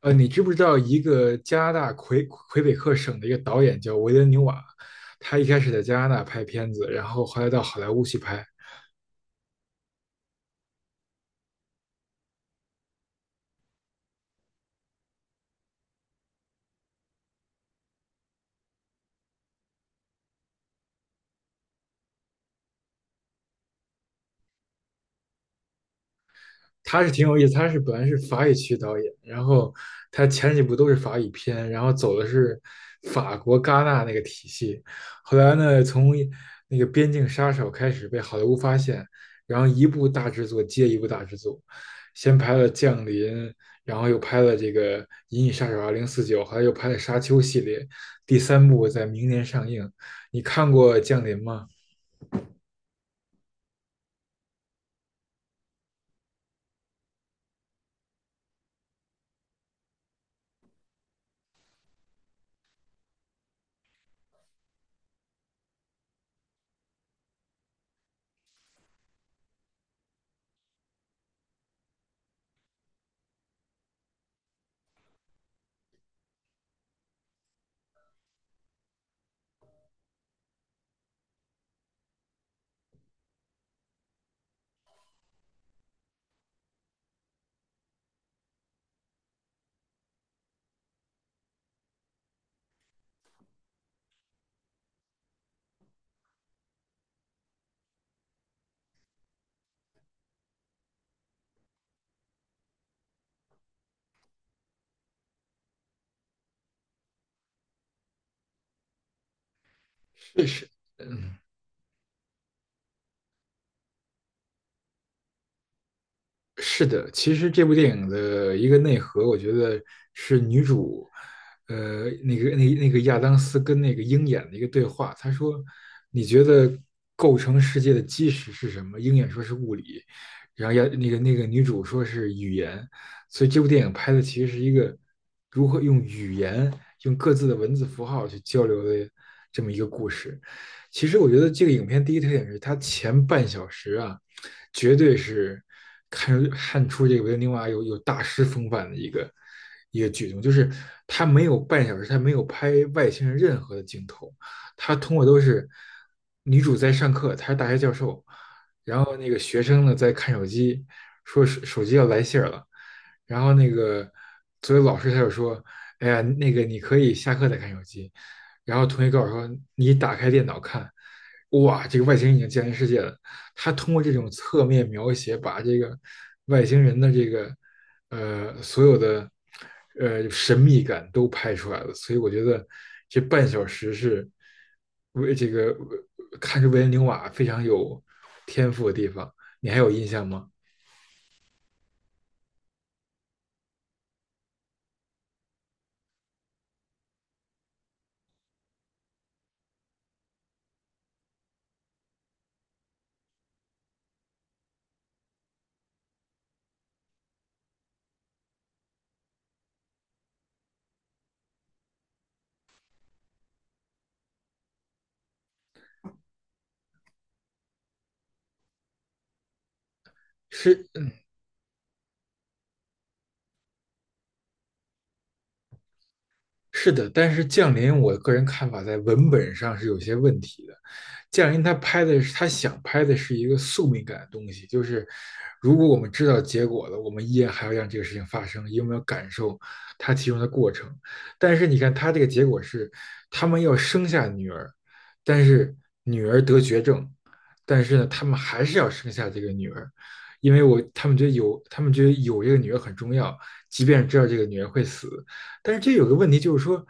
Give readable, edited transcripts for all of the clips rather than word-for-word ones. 你知不知道一个加拿大魁北克省的一个导演叫维伦纽瓦，他一开始在加拿大拍片子，然后后来到好莱坞去拍，他是挺有意思，他本来是法语区导演，然后他前几部都是法语片，然后走的是法国戛纳那个体系，后来呢，从那个《边境杀手》开始被好莱坞发现，然后一部大制作接一部大制作，先拍了《降临》，然后又拍了这个《银翼杀手二零四九》，后来又拍了《沙丘》系列，第三部在明年上映。你看过《降临》吗？是实，嗯。是的，其实这部电影的一个内核，我觉得是女主，那个亚当斯跟那个鹰眼的一个对话。他说："你觉得构成世界的基石是什么？"鹰眼说是物理，然后亚那个那个女主说是语言。所以这部电影拍的其实是一个如何用语言、用各自的文字符号去交流的这么一个故事。其实我觉得这个影片第一特点是它前半小时啊。绝对是看出这个维伦纽瓦有大师风范的一个举动，就是他没有半小时，他没有拍外星人任何的镜头，他通过都是女主在上课，她是大学教授，然后那个学生呢在看手机，说手机要来信儿了，然后那个作为老师他就说，哎呀，那个你可以下课再看手机，然后同学告诉我说，你打开电脑看，哇，这个外星人已经降临世界了。他通过这种侧面描写，把这个外星人的这个所有的神秘感都拍出来了。所以我觉得这半小时是为这个看出维恩纽瓦非常有天赋的地方。你还有印象吗？是是的，但是《降临》我个人看法在文本上是有些问题的。《降临》他想拍的是一个宿命感的东西，就是如果我们知道结果了，我们依然还要让这个事情发生，因为我们要感受它其中的过程。但是你看，他这个结果是他们要生下女儿，但是女儿得绝症，但是呢，他们还是要生下这个女儿，因为我他们觉得有，他们觉得有这个女儿很重要，即便知道这个女儿会死。但是这有个问题，就是说，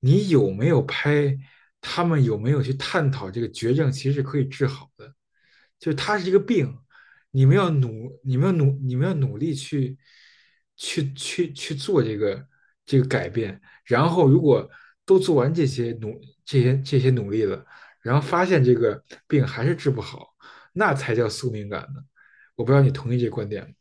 你有没有拍，他们有没有去探讨这个绝症其实是可以治好的，就是它是一个病，你们要努，你们要努，你们要努力去，去去去做这个改变。然后如果都做完这些努力了，然后发现这个病还是治不好，那才叫宿命感呢。我不知道你同意这个观点吗？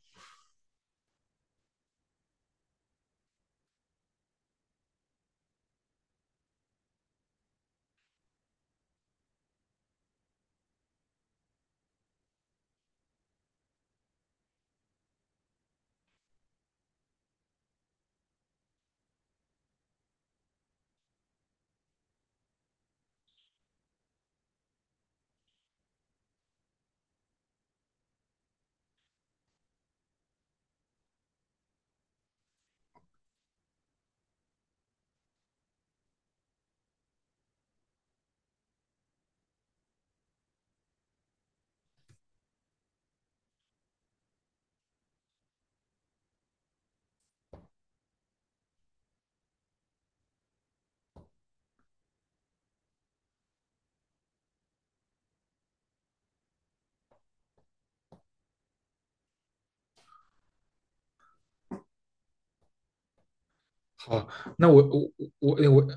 好，那我我我我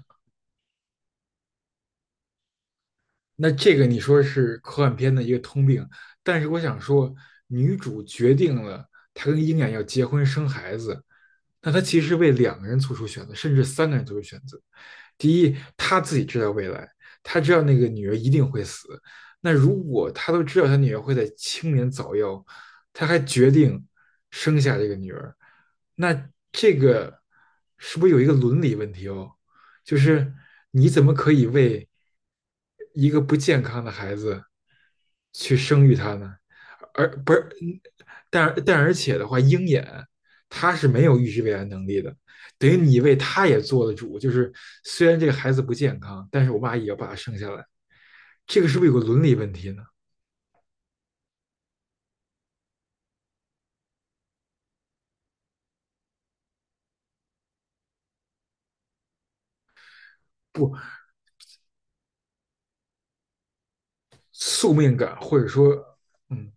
那这个你说是科幻片的一个通病，但是我想说，女主决定了她跟鹰眼要结婚生孩子，那她其实为两个人做出选择，甚至三个人做出选择。第一，她自己知道未来，她知道那个女儿一定会死。那如果她都知道她女儿会在青年早夭，她还决定生下这个女儿，那这个是不是有一个伦理问题哦？就是你怎么可以为一个不健康的孩子去生育他呢？而不是，而且的话，鹰眼他是没有预知未来能力的，等于你为他也做了主。就是虽然这个孩子不健康，但是我妈也要把他生下来，这个是不是有个伦理问题呢？不，宿命感或者说，嗯，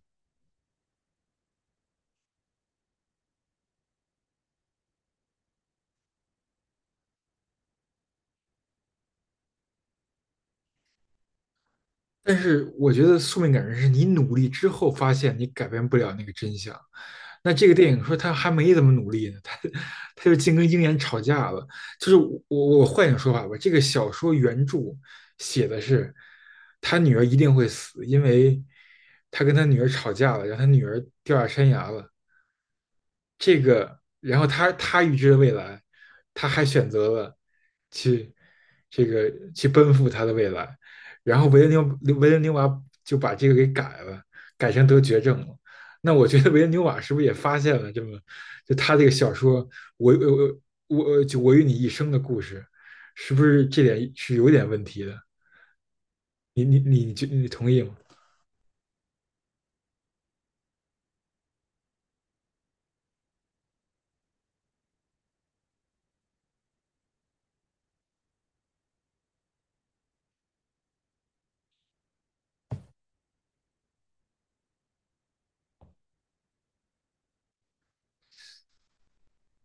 但是我觉得宿命感是你努力之后发现你改变不了那个真相。那这个电影说他还没怎么努力呢，他就净跟鹰眼吵架了。就是我换一种说法吧，这个小说原著写的是他女儿一定会死，因为他跟他女儿吵架了，让他女儿掉下山崖了。这个，然后他预知了未来，他还选择了去这个去奔赴他的未来。然后维伦纽瓦就把这个给改了，改成得绝症了。那我觉得维恩纽瓦是不是也发现了这么，就他这个小说《我我与你一生的故事》，是不是这点是有点问题的？你同意吗？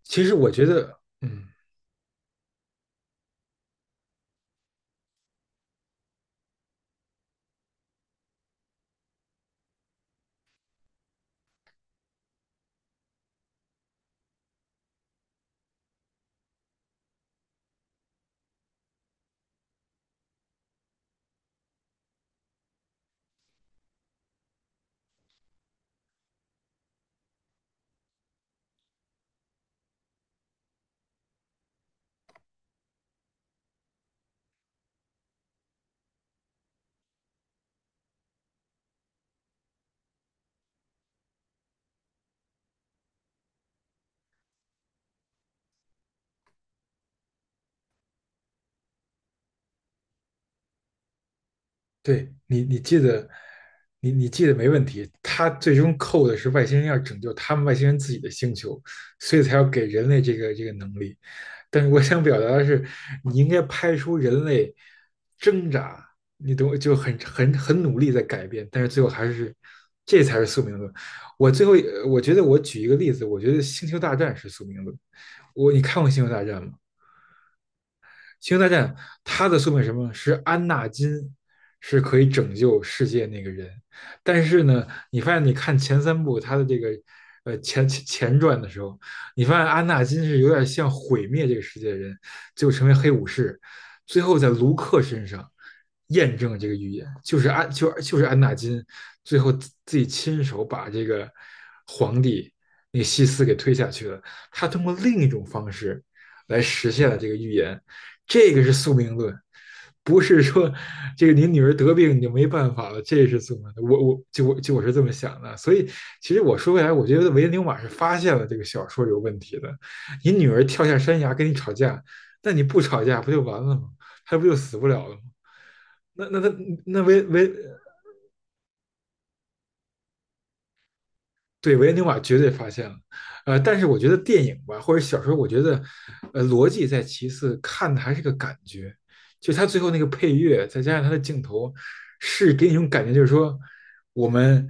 其实我觉得，嗯，对，你记得，你记得没问题。他最终扣的是外星人要拯救他们外星人自己的星球，所以才要给人类这个能力。但是我想表达的是，你应该拍出人类挣扎，你懂我就很努力在改变，但是最后还是，这才是宿命论。我最后呃我觉得我举一个例子，我觉得《星球大战》是宿命论。你看过《星球大战》吗？星球大战它的宿命是什么？是安纳金是可以拯救世界那个人，但是呢，你发现你看前三部他的这个前传的时候，你发现安纳金是有点像毁灭这个世界的人，最后成为黑武士，最后在卢克身上验证了这个预言，就是安就就是安纳金最后自己亲手把这个皇帝那个西斯给推下去了，他通过另一种方式来实现了这个预言。这个是宿命论，不是说这个你女儿得病你就没办法了，这是宿命论。我是这么想的，所以其实我说回来，我觉得维恩纽瓦是发现了这个小说有问题的。你女儿跳下山崖跟你吵架，那你不吵架不就完了吗？她不就死不了了吗？那那那那维维对，维恩纽瓦绝对发现了，但是我觉得电影吧，或者小说，我觉得，逻辑在其次，看的还是个感觉，就他最后那个配乐，再加上他的镜头，是给你一种感觉，就是说我们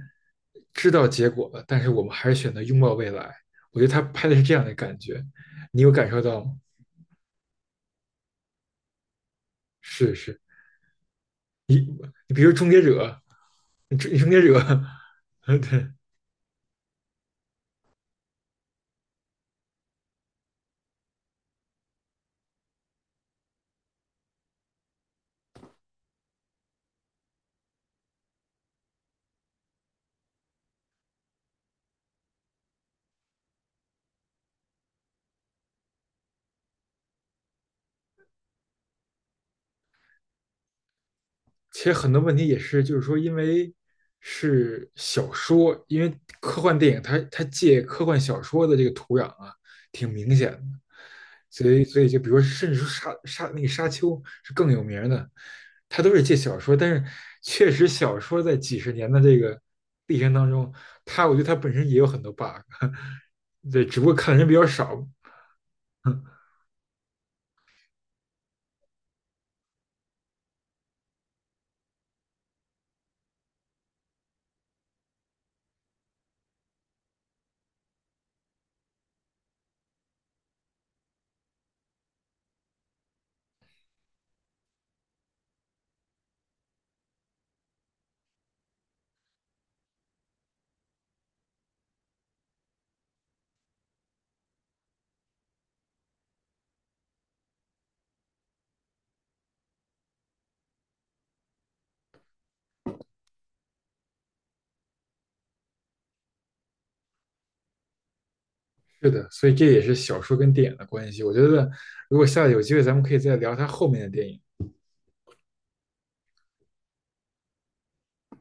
知道结果了，但是我们还是选择拥抱未来。我觉得他拍的是这样的感觉，你有感受到吗？是，是，你你比如《终结者》，《终结者》，对，其实很多问题也是，就是说，因为是小说，因为科幻电影它借科幻小说的这个土壤啊，挺明显的，所以就比如说，甚至说那个沙丘是更有名的，它都是借小说，但是确实小说在几十年的这个历程当中，它我觉得它本身也有很多 bug，对，只不过看的人比较少。嗯，是的，所以这也是小说跟电影的关系。我觉得如果下次有机会，咱们可以再聊它后面的电影。